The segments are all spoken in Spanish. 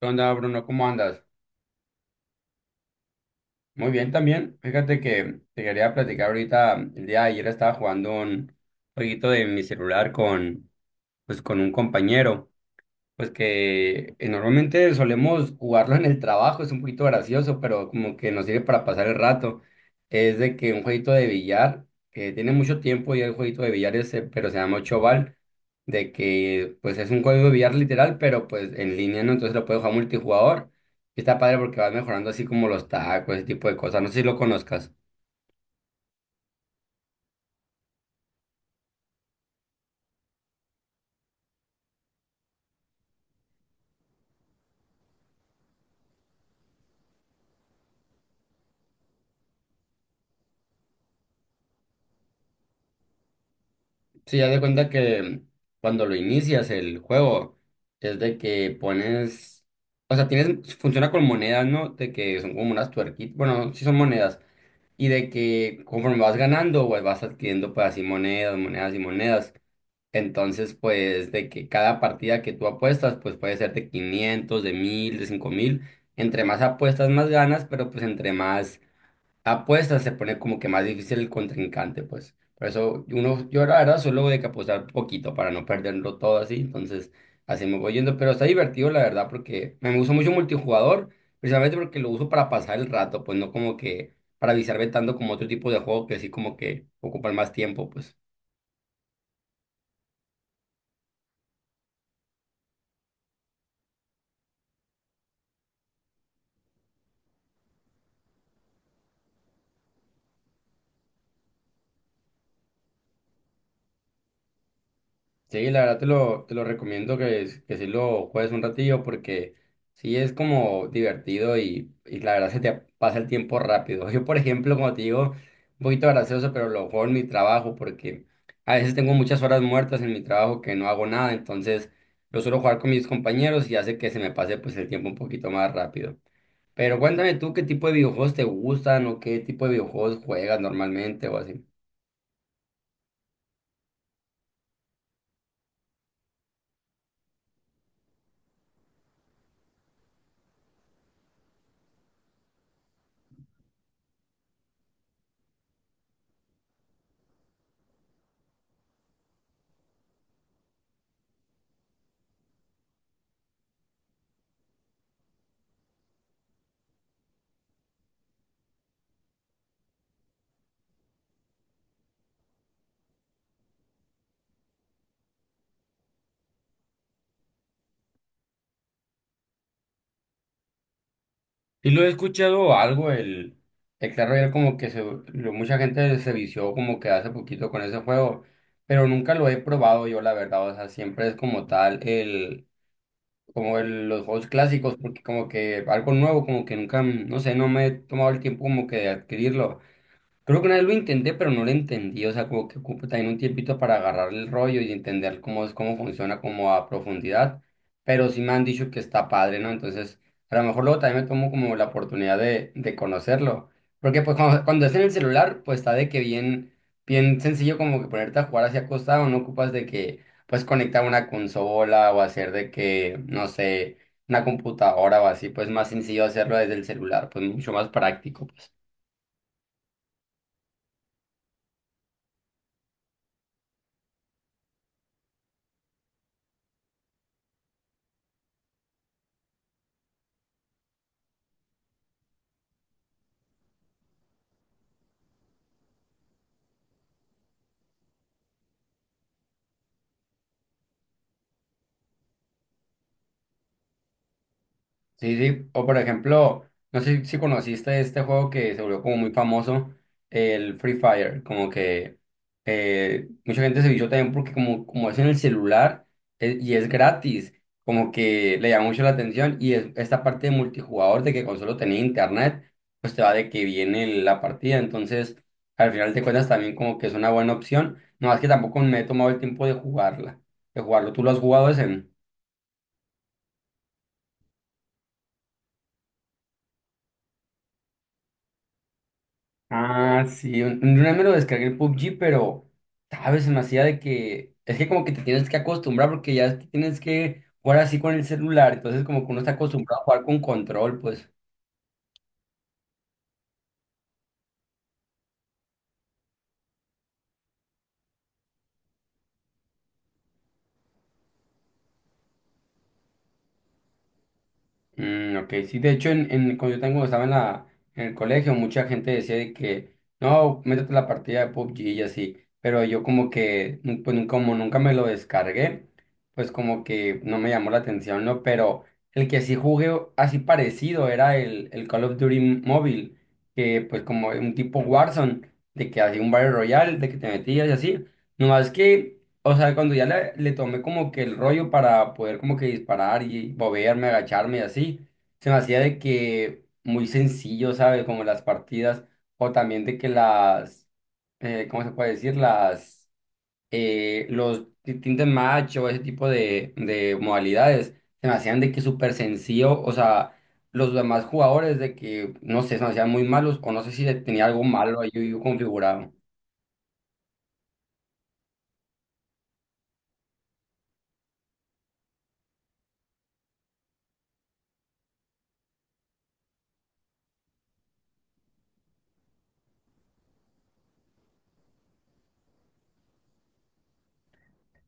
¿Qué onda, Bruno? ¿Cómo andas? Muy bien también. Fíjate que te quería platicar ahorita. El día de ayer estaba jugando un jueguito de mi celular pues, con un compañero. Pues que normalmente solemos jugarlo en el trabajo, es un poquito gracioso, pero como que nos sirve para pasar el rato. Es de que un jueguito de billar, que tiene mucho tiempo y el jueguito de billar ese, pero se llama ocho bal, de que pues es un juego de billar literal, pero pues en línea, ¿no? Entonces lo puedes jugar multijugador. Y está padre porque vas mejorando así como los tacos, ese tipo de cosas. No sé si lo conozcas. Sí, haz de cuenta que cuando lo inicias el juego, es de que pones, o sea, tienes, funciona con monedas, ¿no? De que son como unas tuerquitas, bueno, sí son monedas, y de que conforme vas ganando, pues vas adquiriendo pues así monedas, monedas y monedas. Entonces, pues de que cada partida que tú apuestas, pues puede ser de 500, de 1000, de 5000. Entre más apuestas, más ganas, pero pues entre más apuestas se pone como que más difícil el contrincante, pues. Por eso uno, yo la verdad solo de que apostar poquito para no perderlo todo así, entonces así me voy yendo, pero está divertido la verdad porque me gusta mucho multijugador, precisamente porque lo uso para pasar el rato, pues no como que para avisarme tanto como otro tipo de juego que sí como que ocupan más tiempo, pues. Sí, la verdad te lo recomiendo que sí lo juegues un ratillo porque sí es como divertido y la verdad se te pasa el tiempo rápido. Yo, por ejemplo, como te digo, un poquito gracioso, pero lo juego en mi trabajo porque a veces tengo muchas horas muertas en mi trabajo que no hago nada, entonces lo suelo jugar con mis compañeros y hace que se me pase pues el tiempo un poquito más rápido. Pero cuéntame tú qué tipo de videojuegos te gustan o qué tipo de videojuegos juegas normalmente o así. Y lo he escuchado algo, el Clash Royale como que se, lo- mucha gente se vició como que hace poquito con ese juego, pero nunca lo he probado yo, la verdad, o sea, siempre es como tal el, como el- los juegos clásicos, porque como que algo nuevo, como que nunca, no sé, no me he tomado el tiempo como que de adquirirlo. Creo que una vez lo intenté, pero no lo entendí. O sea, como que ocupa también un tiempito para agarrar el rollo y entender cómo es, cómo funciona, como a profundidad. Pero sí me han dicho que está padre, ¿no? Entonces, a lo mejor luego también me tomo como la oportunidad de conocerlo. Porque pues cuando es en el celular, pues está de que bien, bien sencillo como que ponerte a jugar hacia acostado, no ocupas de que pues conectar una consola o hacer de que, no sé, una computadora o así, pues más sencillo hacerlo desde el celular, pues mucho más práctico. Sí, sí, o por ejemplo, no sé si conociste este juego que se volvió como muy famoso, el Free Fire, como que mucha gente se vio también porque como, como es en el celular y es gratis, como que le llama mucho la atención y es, esta parte de multijugador de que con solo tener internet, pues te va de que viene la partida, entonces al final te cuentas también como que es una buena opción, no más que tampoco me he tomado el tiempo de jugarla, de jugarlo, ¿tú lo has jugado ese? Ah, sí, una vez me lo descargué el PUBG, pero, ¿sabes? Se me hacía de que, es que como que te tienes que acostumbrar porque ya es que tienes que jugar así con el celular, entonces como que uno está acostumbrado a jugar con control, pues. Mm, ok, sí, de hecho, cuando yo tengo, estaba en la, en el colegio, mucha gente decía de que, no, métete a la partida de PUBG y así, pero yo como que, nu- pues nu- como nunca me lo descargué, pues como que no me llamó la atención, ¿no? Pero el que sí jugué así parecido era el, Call of Duty móvil, que pues como un tipo Warzone, de que hacía un Battle Royale, de que te metías y así, nomás que... O sea, cuando ya le tomé como que el rollo para poder como que disparar y moverme, agacharme y así, se me hacía de que muy sencillo, ¿sabes? Como las partidas o también de que las, ¿cómo se puede decir? Las, los tintes match o ese tipo de modalidades, se me hacían de que súper sencillo, o sea, los demás jugadores de que, no sé, se me hacían muy malos o no sé si tenía algo malo ahí yo, yo configurado.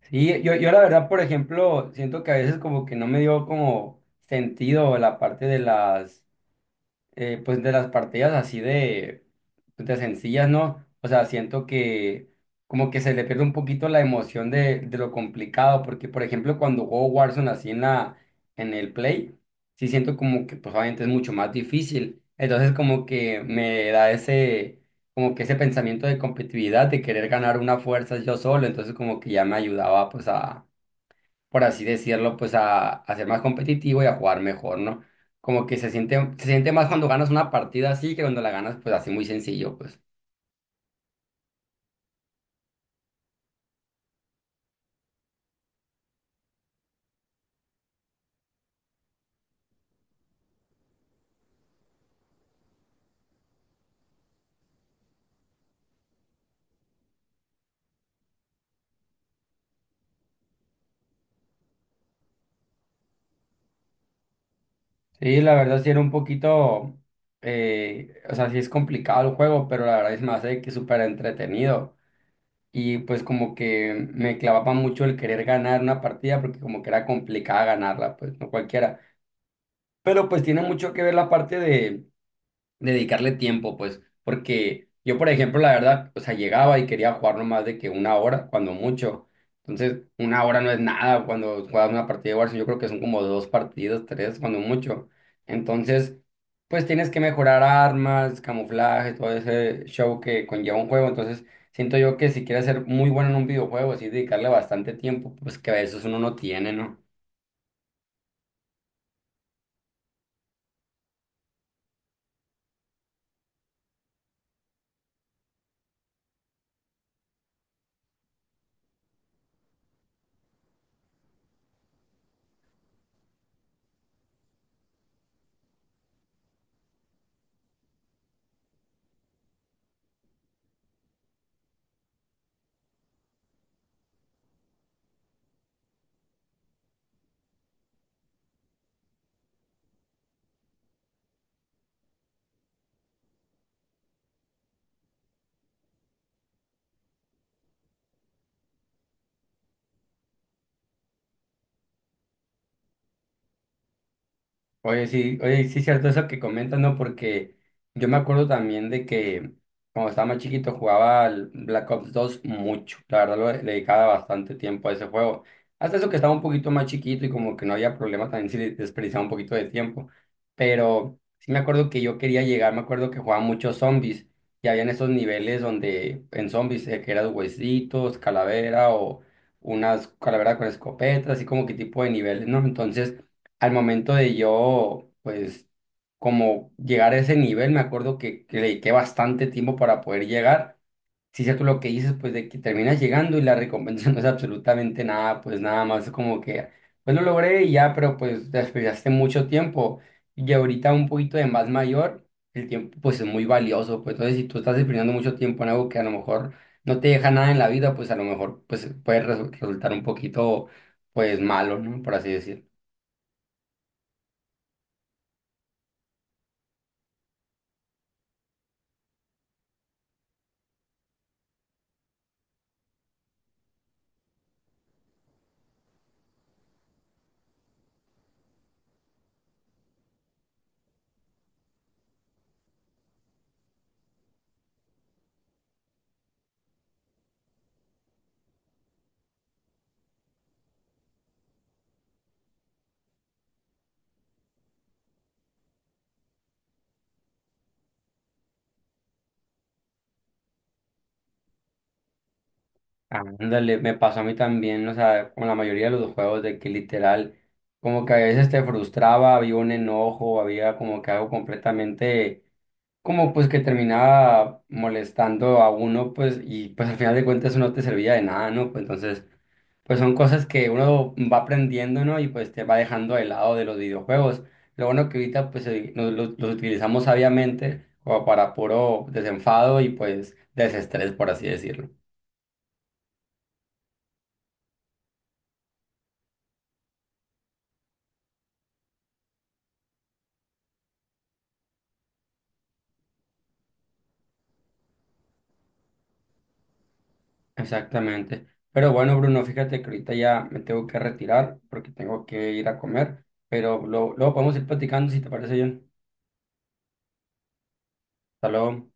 Sí, yo la verdad, por ejemplo, siento que a veces como que no me dio como sentido la parte de las pues de las partidas así de, pues, de sencillas, ¿no? O sea, siento que como que se le pierde un poquito la emoción de lo complicado, porque por ejemplo cuando juego Warzone así en la, en el Play, sí siento como que pues obviamente es mucho más difícil. Entonces como que me da ese, como que ese pensamiento de competitividad, de querer ganar una fuerza yo solo, entonces como que ya me ayudaba pues a por así decirlo, pues a ser más competitivo y a jugar mejor, ¿no? Como que se siente más cuando ganas una partida así que cuando la ganas, pues así muy sencillo, pues. Sí, la verdad sí era un poquito, o sea, sí es complicado el juego, pero la verdad es más de que súper entretenido. Y pues como que me clavaba mucho el querer ganar una partida porque como que era complicada ganarla, pues no cualquiera. Pero pues tiene mucho que ver la parte de dedicarle tiempo, pues, porque yo, por ejemplo, la verdad, o sea, llegaba y quería jugar no más de que una hora, cuando mucho. Entonces, una hora no es nada cuando juegas una partida de Warzone, yo creo que son como dos partidos, tres, cuando mucho. Entonces, pues tienes que mejorar armas, camuflaje, todo ese show que conlleva un juego. Entonces, siento yo que si quieres ser muy bueno en un videojuego, sí dedicarle bastante tiempo, pues que a veces uno no tiene, ¿no? Oye, sí es cierto eso que comentas, ¿no? Porque yo me acuerdo también de que cuando estaba más chiquito jugaba al Black Ops 2 mucho. La verdad le dedicaba bastante tiempo a ese juego. Hasta eso que estaba un poquito más chiquito y como que no había problema también si desperdiciaba un poquito de tiempo. Pero sí me acuerdo que yo quería llegar, me acuerdo que jugaba muchos zombies y habían esos niveles donde en zombies que eran huesitos, calavera o unas calaveras con escopetas, así como que tipo de niveles, ¿no? Entonces al momento de yo, pues, como llegar a ese nivel, me acuerdo que le dediqué bastante tiempo para poder llegar. Si es cierto lo que dices, pues, de que terminas llegando y la recompensa no es absolutamente nada, pues, nada más como que, pues, lo logré y ya, pero, pues, desperdiciaste mucho tiempo. Y ahorita un poquito de más mayor, el tiempo, pues, es muy valioso, pues, entonces, si tú estás desperdiciando mucho tiempo en algo que a lo mejor no te deja nada en la vida, pues, a lo mejor, pues, puede resultar un poquito, pues, malo, ¿no? Por así decirlo. Ándale, me pasó a mí también, o sea, con la mayoría de los juegos de que literal, como que a veces te frustraba, había un enojo, había como que algo completamente, como pues que terminaba molestando a uno, pues, y pues al final de cuentas eso no te servía de nada, ¿no? Pues entonces, pues son cosas que uno va aprendiendo, ¿no? Y pues te va dejando de lado de los videojuegos. Lo bueno que ahorita pues los utilizamos sabiamente como para puro desenfado y pues desestrés, por así decirlo. Exactamente. Pero bueno, Bruno, fíjate que ahorita ya me tengo que retirar porque tengo que ir a comer, pero luego podemos ir platicando si te parece bien. Hasta luego.